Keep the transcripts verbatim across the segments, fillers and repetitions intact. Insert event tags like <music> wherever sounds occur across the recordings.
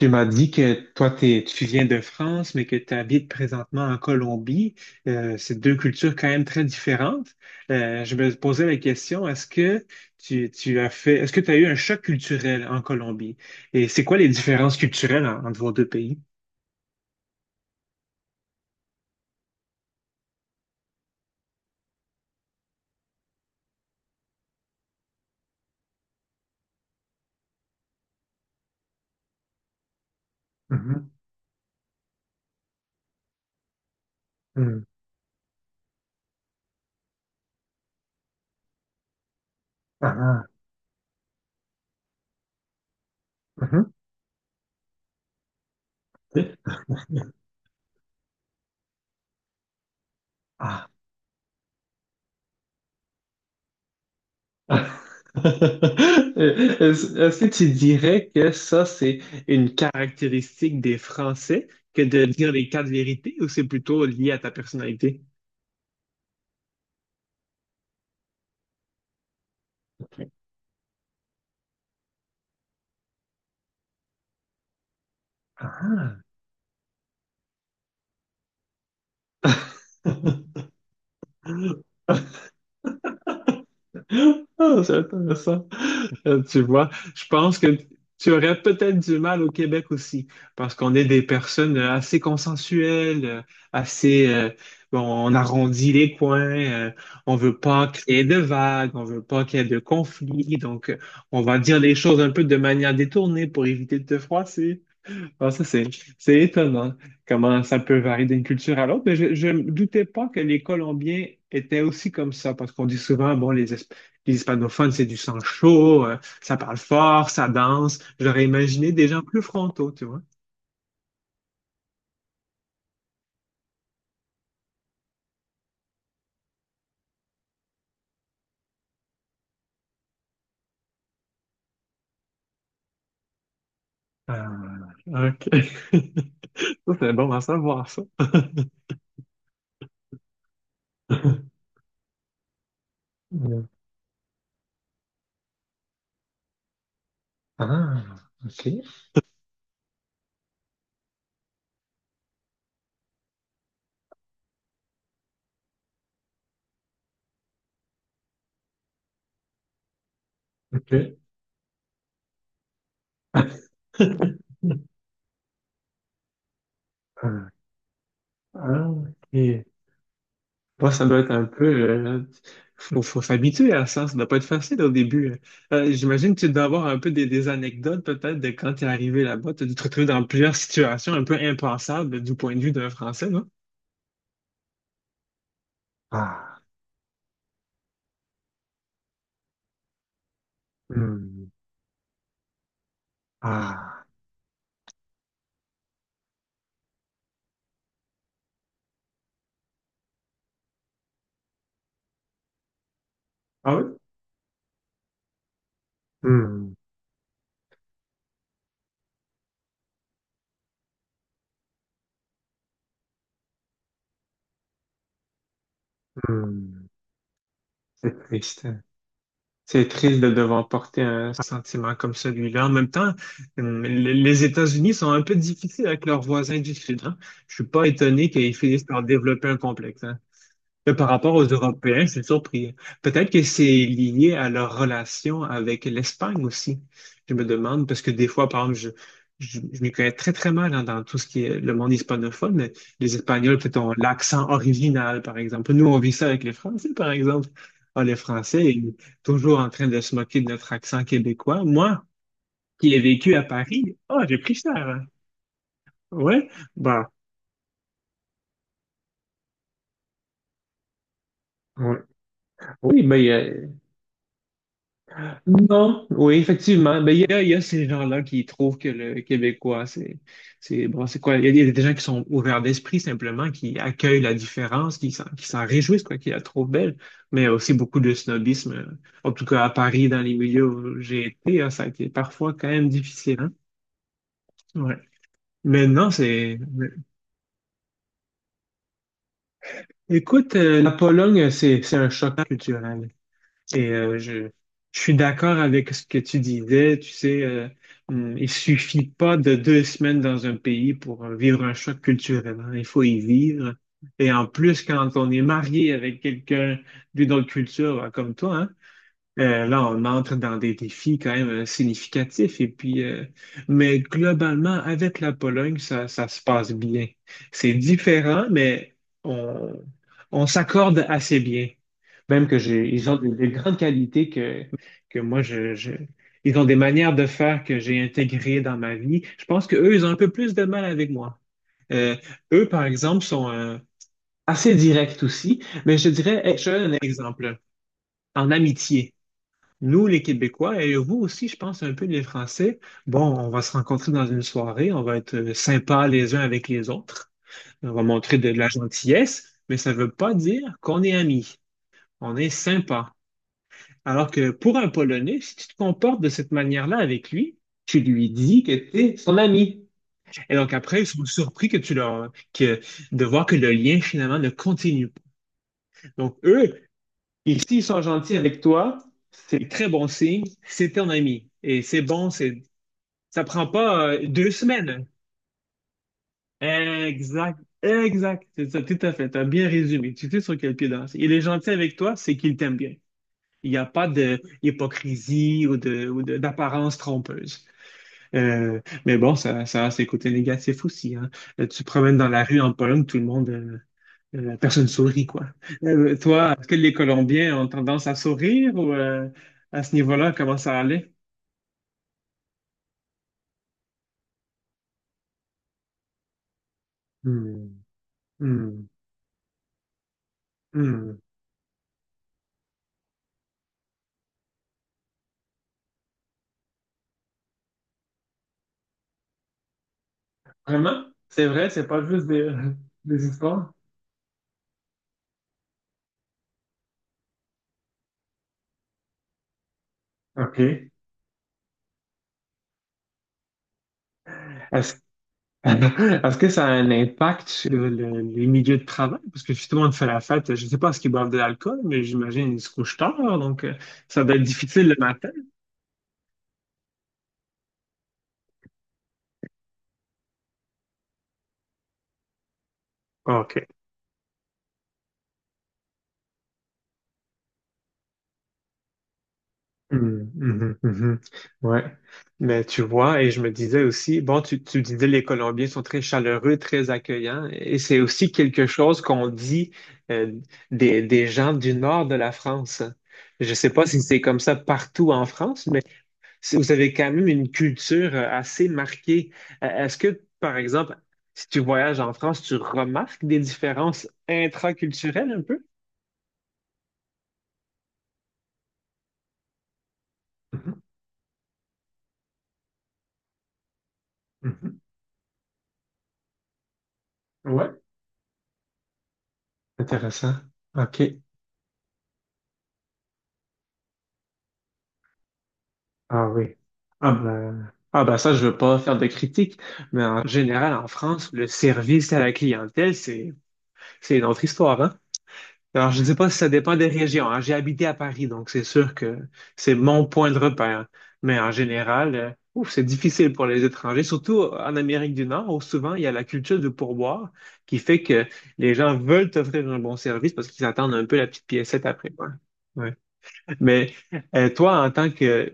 Tu m'as dit que toi, t'es- tu viens de France, mais que tu habites présentement en Colombie. Euh, c'est deux cultures quand même très différentes. Euh, je me posais la question, est-ce que tu, tu as fait, est-ce que tu as eu un choc culturel en Colombie? Et c'est quoi les différences culturelles en- entre vos deux pays? Mhm. Mm. Ah, ah. Mhm. Oui. Est-ce est-ce que tu dirais que ça, c'est une caractéristique des Français que de dire les quatre vérités ou c'est plutôt lié à ta personnalité? Ah. <laughs> Ah, c'est intéressant. <laughs> Tu vois, je pense que tu aurais peut-être du mal au Québec aussi, parce qu'on est des personnes assez consensuelles, euh, assez, euh, bon, on arrondit les coins, euh, on veut pas créer de vagues, on veut pas qu'il y ait de conflits, donc euh, on va dire les choses un peu de manière détournée pour éviter de te froisser. Ah, ça, c'est, c'est étonnant comment ça peut varier d'une culture à l'autre. Mais je, je me doutais pas que les Colombiens étaient aussi comme ça, parce qu'on dit souvent, bon, les, Hisp- les hispanophones, c'est du sang chaud, euh, ça parle fort, ça danse. J'aurais imaginé des gens plus frontaux, tu vois. Ah, OK. <laughs> Ça, c'est bon à savoir, ça. <laughs> Ah, OK. OK. <laughs> Ah. Ah, ok. Bon, ça doit être un peu... euh, faut, faut s'habituer à ça. Ça doit pas être facile au début. Euh, j'imagine que tu dois avoir un peu des, des anecdotes peut-être de quand tu es arrivé là-bas. Tu as dû te retrouver dans plusieurs situations un peu impensables du point de vue d'un Français, non? Ah. Hmm. Ah. Ah oui? Hmm, hmm. C'est triste. C'est triste de devoir porter un sentiment comme celui-là. En même temps, hum, le- les États-Unis sont un peu difficiles avec leurs voisins du Sud, hein. Je suis pas étonné qu'ils finissent par développer un complexe, hein. Mais par rapport aux Européens, c'est surpris. Peut-être que c'est lié à leur relation avec l'Espagne aussi. Je me demande, parce que des fois, par exemple, je, je, je m'y connais très, très mal hein, dans tout ce qui est le monde hispanophone, mais les Espagnols, peut-être, ont l'accent original, par exemple. Nous, on vit ça avec les Français, par exemple. Ah, les Français, ils sont toujours en train de se moquer de notre accent québécois. Moi, qui ai vécu à Paris, ah, j'ai pris cher, hein. Ouais, bah, ouais. Oui, mais euh, non, oui, effectivement. Ben, il y a, il y a ces gens-là qui trouvent que le Québécois, c'est, c'est, bon, c'est quoi? Il y a des des gens qui sont ouverts d'esprit, simplement, qui accueillent la différence, qui s'en, qui s'en réjouissent, quoi, qui la trouvent belle. Mais il y a aussi beaucoup de snobisme. euh, En tout cas, à Paris, dans les milieux où j'ai été, hein, ça a été parfois quand même difficile, hein? Ouais. Mais non, c'est, écoute, euh, la Pologne, c'est, c'est un choc culturel. Et euh, je, je suis d'accord avec ce que tu disais. Tu sais, euh, hum, il suffit pas de deux semaines dans un pays pour euh, vivre un choc culturel, hein. Il faut y vivre. Et en plus, quand on est marié avec quelqu'un d'une autre culture, hein, comme toi, hein, euh, là, on entre dans des défis quand même euh, significatifs. Et puis, euh, mais globalement, avec la Pologne, ça, ça se passe bien. C'est différent, mais on, on s'accorde assez bien. Même que j'ai, ils ont des, des grandes qualités que, que moi, je, je- ils ont des manières de faire que j'ai intégrées dans ma vie. Je pense qu'eux, ils ont un peu plus de mal avec moi. Euh, Eux, par exemple, sont euh, assez directs aussi, mais je dirais, hey, je te donne un exemple en amitié. Nous, les Québécois, et vous aussi, je pense un peu les Français, bon, on va se rencontrer dans une soirée, on va être euh, sympas les uns avec les autres, on va montrer de, de la gentillesse, mais ça ne veut pas dire qu'on est amis, on est sympa. Alors que pour un Polonais, si tu te comportes de cette manière-là avec lui, tu lui dis que tu es son ami. Et donc après, ils sont surpris que tu leur, que, de voir que le lien finalement ne continue pas. Donc eux, et s'ils sont gentils avec toi, c'est très bon signe, c'est ton ami. Et c'est bon, c'est, ça prend pas euh, deux semaines. Exact, exact, c'est ça, tout à fait. T'as bien résumé. Tu sais sur quel pied danser. Il est gentil avec toi, c'est qu'il t'aime bien. Il n'y a pas de hypocrisie ou de, ou de- d'apparence trompeuse. Euh, mais bon, ça, ça a ses côtés négatifs aussi, hein. Euh, Tu te promènes dans la rue en Pologne, tout le monde, euh, Euh, personne sourit, quoi. Euh, toi, est-ce que les Colombiens ont tendance à sourire ou euh, à ce niveau-là, comment ça allait? Hmm, hmm, hmm. Vraiment? C'est vrai, c'est pas juste des, <laughs> des histoires? OK. Est-ce <laughs> est-ce que ça a un impact sur le- les milieux de travail? Parce que justement, de fait la fête, je ne sais pas ce qu'ils boivent de l'alcool, mais j'imagine qu'ils se couchent tard, donc euh, ça doit être difficile le matin. OK. Mhm, mhm, mhm. Ouais. Mais tu vois, et je me disais aussi, bon, tu, tu disais les Colombiens sont très chaleureux, très accueillants, et c'est aussi quelque chose qu'on dit euh, des, des gens du nord de la France. Je ne sais pas si c'est comme ça partout en France, mais si vous avez quand même une culture euh, assez marquée. Euh, Est-ce que, par exemple, si tu voyages en France, tu remarques des différences intraculturelles un peu? Mhm, mhm. Ouais, intéressant. OK. Ah oui. Ah ben, ah ben ça, je veux pas faire de critiques, mais en général, en France, le service à la clientèle, c'est, c'est une autre histoire, hein? Alors, je sais pas si ça dépend des régions, hein. J'ai habité à Paris, donc c'est sûr que c'est mon point de repère. Mais en général, euh, ouf, c'est difficile pour les étrangers, surtout en Amérique du Nord, où souvent il y a la culture du pourboire qui fait que les gens veulent t'offrir un bon service parce qu'ils attendent un peu la petite piécette après, quoi. Ouais. Mais euh, toi, en tant que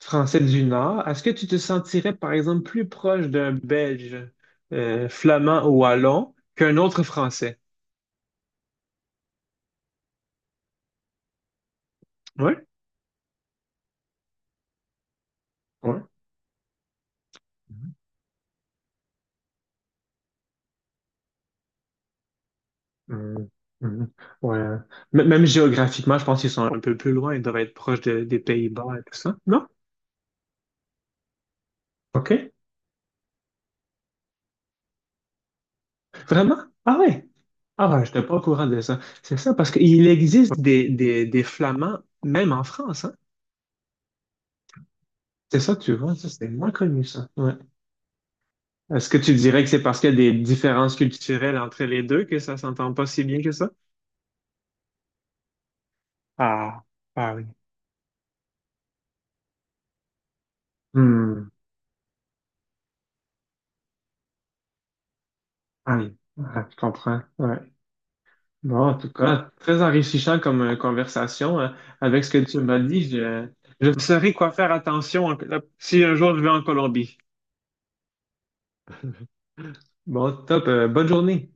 Français du Nord, est-ce que tu te sentirais, par exemple, plus proche d'un Belge euh, flamand ou wallon qu'un autre Français? Oui, oui. Mhm. Mhm. Ouais. M- même géographiquement, je pense qu'ils sont un peu plus loin. Ils doivent être proches de- des Pays-Bas et tout ça. Non? OK. Vraiment? Ah ouais. Ah ouais, je n'étais pas au courant de ça. C'est ça, parce qu'il existe des, des, des Flamands, même en France, hein. C'est ça, tu vois, ça, c'est moins connu, ça. Ouais. Est-ce que tu dirais que c'est parce qu'il y a des différences culturelles entre les deux que ça s'entend pas si bien que ça? Ah, ah oui. Hmm. Ah oui. Ah, je comprends. Ouais. Bon, en tout cas, très enrichissant comme euh, conversation, hein. Avec ce que tu m'as dit, je, je saurai quoi faire attention en- si un jour je vais en Colombie. Bon, top. euh, bonne journée.